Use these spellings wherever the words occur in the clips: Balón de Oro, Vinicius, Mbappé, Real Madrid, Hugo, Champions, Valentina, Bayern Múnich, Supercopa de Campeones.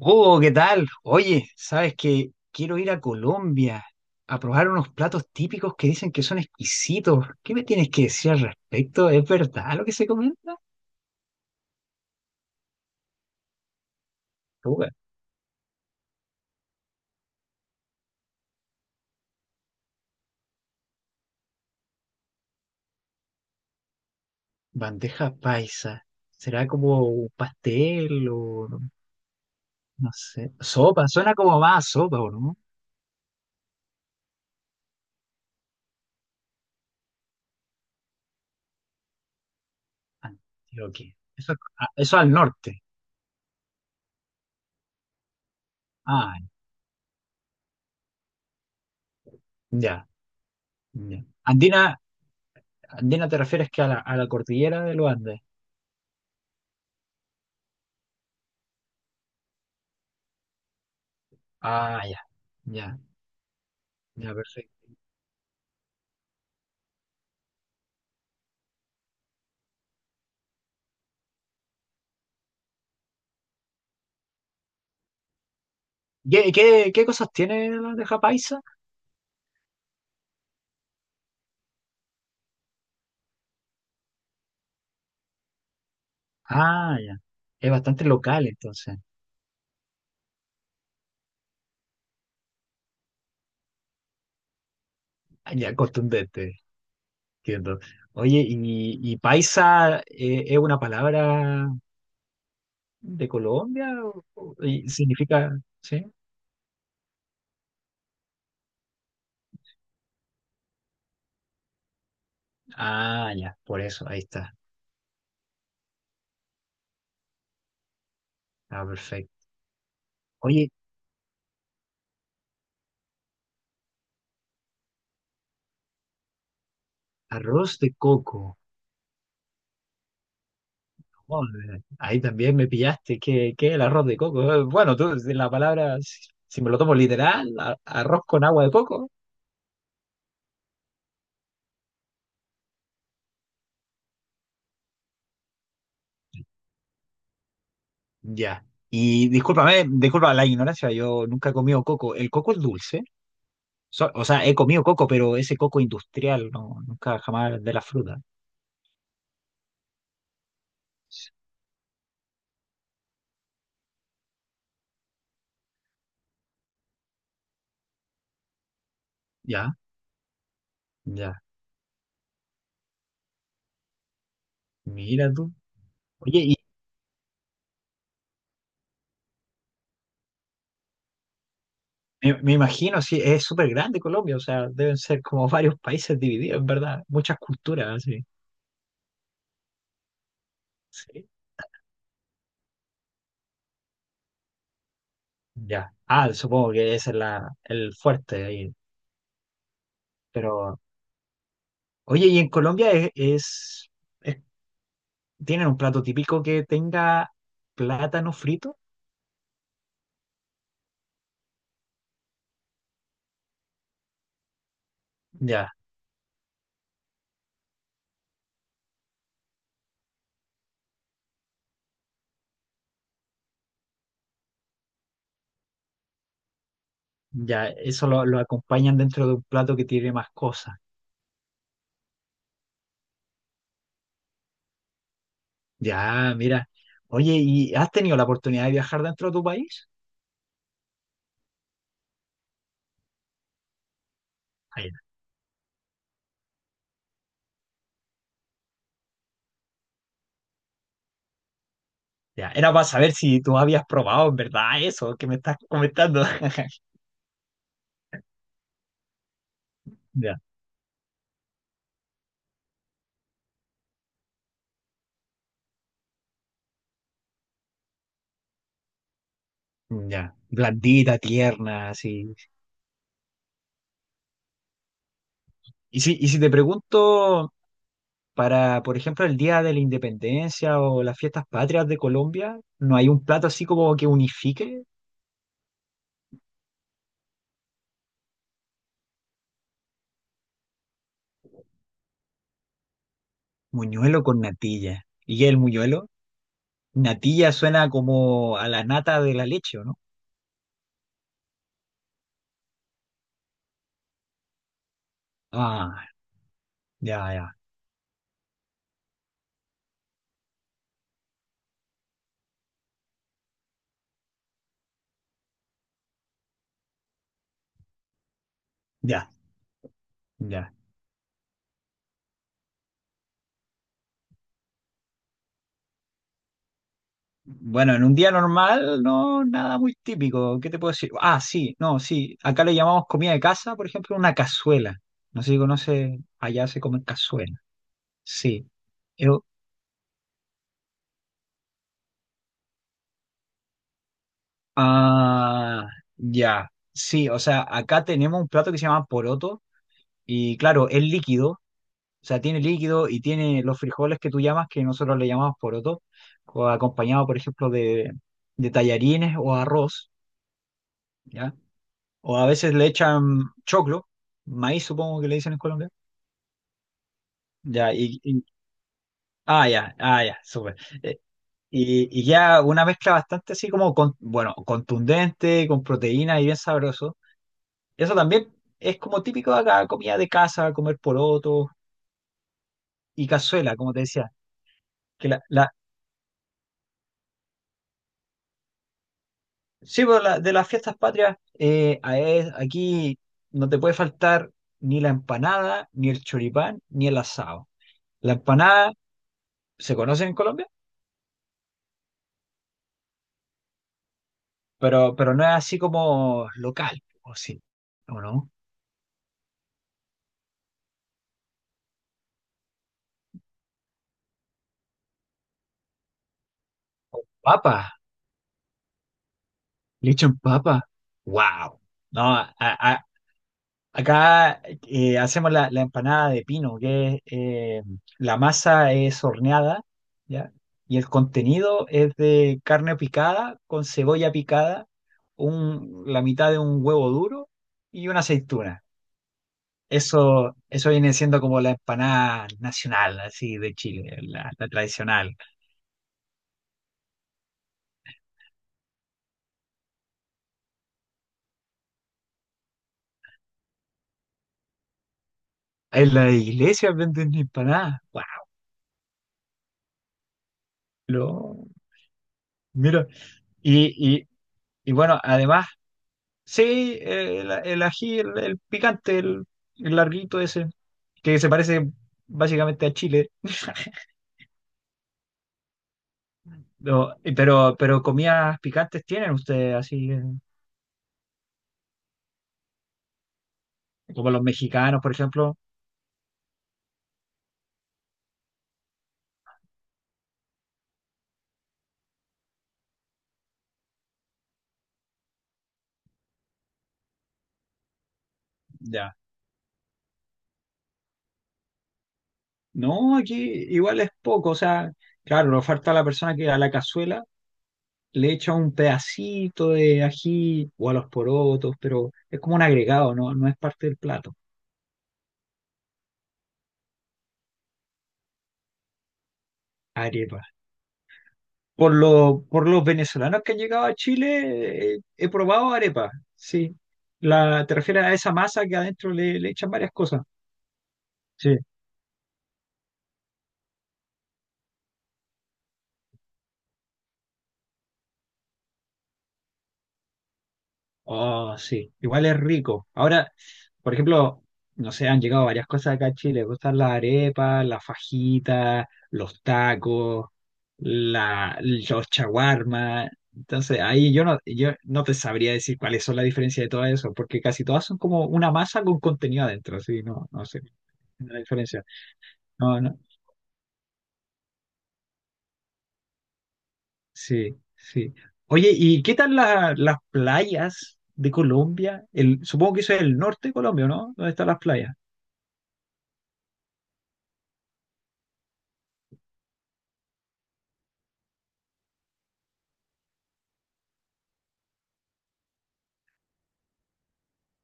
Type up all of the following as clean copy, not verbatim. Oh, ¿qué tal? Oye, ¿sabes que quiero ir a Colombia a probar unos platos típicos que dicen que son exquisitos? ¿Qué me tienes que decir al respecto? ¿Es verdad lo que se comenta? Uy, bandeja paisa. ¿Será como un pastel o no sé? Sopa, suena como más a sopa, ¿o no? Antioquia. Eso, ah, eso al norte. Ah, ya, ya. Andina, andina te refieres a la cordillera de los Andes. Ah, ya, ya, ya, perfecto. ¿Qué cosas tiene la bandeja paisa? Ah, ya. Es bastante local, entonces. Ah, ya, contundente, entiendo. Oye, ¿y paisa es una palabra de Colombia? Y significa, ¿sí? Ah, ya, por eso, ahí está. Ah, perfecto. Oye, arroz de coco. Oh, ahí también me pillaste. ¿Qué es el arroz de coco? Bueno, tú, de la palabra, si me lo tomo literal, arroz con agua de coco. Ya. Y discúlpame, disculpa la ignorancia, yo nunca he comido coco. ¿El coco es dulce? O sea, he comido coco, pero ese coco industrial, no, nunca jamás de la fruta. Ya, ya. Mira tú. Oye, y me imagino, sí, es súper grande Colombia, o sea, deben ser como varios países divididos, en verdad, muchas culturas, así. Sí. Ya. Ah, supongo que ese es la, el fuerte ahí. Pero, oye, ¿y en Colombia es- tienen un plato típico que tenga plátano frito? Ya, ya, eso lo acompañan dentro de un plato que tiene más cosas. Ya, mira. Oye, ¿y has tenido la oportunidad de viajar dentro de tu país? Ah, ya, ya. Era para saber si tú habías probado en verdad eso que me estás comentando. Ya, ya. Blandita, tierna, así. Y si te pregunto, para, por ejemplo, el Día de la Independencia o las fiestas patrias de Colombia, ¿no hay un plato así como que unifique? Muñuelo con natilla. ¿Y el muñuelo? Natilla suena como a la nata de la leche, ¿o no? Ah, ya, ya, ya, ya. Bueno, en un día normal, no, nada muy típico. ¿Qué te puedo decir? Ah, sí, no, sí. Acá le llamamos comida de casa, por ejemplo, una cazuela. No sé si conoce, allá se come cazuela. Sí. Eu- ah, ya. Sí, o sea, acá tenemos un plato que se llama poroto y claro, es líquido. O sea, tiene líquido y tiene los frijoles que tú llamas, que nosotros le llamamos poroto, acompañado, por ejemplo, de tallarines o arroz, ¿ya? O a veces le echan choclo, maíz supongo que le dicen en Colombia, ¿ya? Y ah, ya, ah, ya, súper. Eh, y ya una mezcla bastante así como, con, bueno, contundente, con proteína y bien sabroso. Eso también es como típico de acá, comida de casa, comer porotos y cazuela, como te decía. Que la, la- Sí, pues, de las fiestas patrias, aquí no te puede faltar ni la empanada, ni el choripán, ni el asado. La empanada se conoce en Colombia, pero no es así como local, ¿o sí? ¿O no? Papa, le echan papa. ¡Wow! No. Acá hacemos la empanada de pino, que es, la masa es horneada, ¿ya? Y el contenido es de carne picada con cebolla picada, un, la mitad de un huevo duro y una aceituna. Eso viene siendo como la empanada nacional, así de Chile, la tradicional. En la iglesia venden empanadas. ¡Wow! Lo- Mira, y, y, y bueno, además sí, el ají, el picante, el larguito ese, que se parece básicamente a Chile. No, y pero comidas picantes tienen ustedes, así como los mexicanos, por ejemplo. Ya. No, aquí igual es poco, o sea, claro, le oferta a la persona que a la cazuela le echa un pedacito de ají o a los porotos, pero es como un agregado, no, no es parte del plato. Arepa. Por, por los venezolanos que han llegado a Chile, he probado arepa, sí. La, ¿te refieres a esa masa que adentro le echan varias cosas? Sí. Oh, sí. Igual es rico. Ahora, por ejemplo, no sé, han llegado varias cosas acá a Chile. Me gustan las arepas, las fajitas, los tacos, la, los chaguarmas. Entonces, ahí yo no te sabría decir cuáles son las diferencias de todo eso, porque casi todas son como una masa con contenido adentro, sí, no sé la diferencia. No, no, sí, sí. Oye, ¿y qué tal las playas de Colombia? El, supongo que eso es el norte de Colombia, ¿no? ¿Dónde están las playas?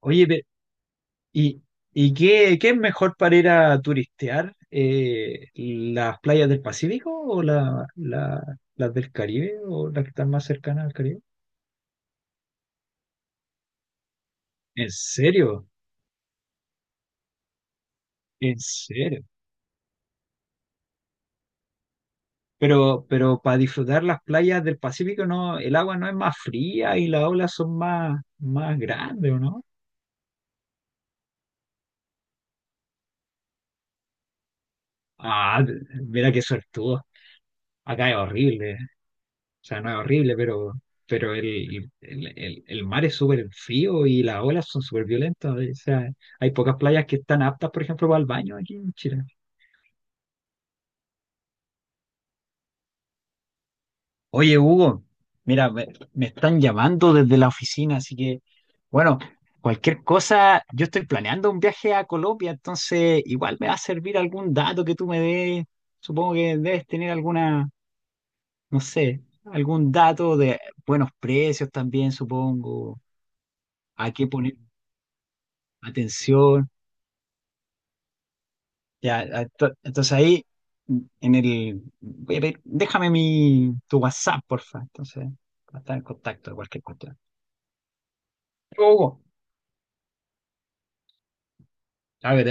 Oye, ¿y, qué es mejor para ir a turistear? ¿Las playas del Pacífico o las del Caribe o las que están más cercanas al Caribe? ¿En serio? ¿En serio? Pero para disfrutar las playas del Pacífico, no, el agua no es más fría y las olas son más, más grandes, ¿o no? Ah, mira qué suertudo. Acá es horrible. O sea, no es horrible, pero el mar es súper frío y las olas son súper violentas. O sea, hay pocas playas que están aptas, por ejemplo, para el baño aquí en Chile. Oye, Hugo, mira, me están llamando desde la oficina, así que, bueno, cualquier cosa, yo estoy planeando un viaje a Colombia, entonces igual me va a servir algún dato que tú me des. Supongo que debes tener alguna... no sé, algún dato de buenos precios también, supongo, a qué poner atención. Ya, entonces ahí, mm, en el, voy a déjame tu WhatsApp, porfa, entonces, para estar en contacto de cualquier cuestión. Hugo, a ver,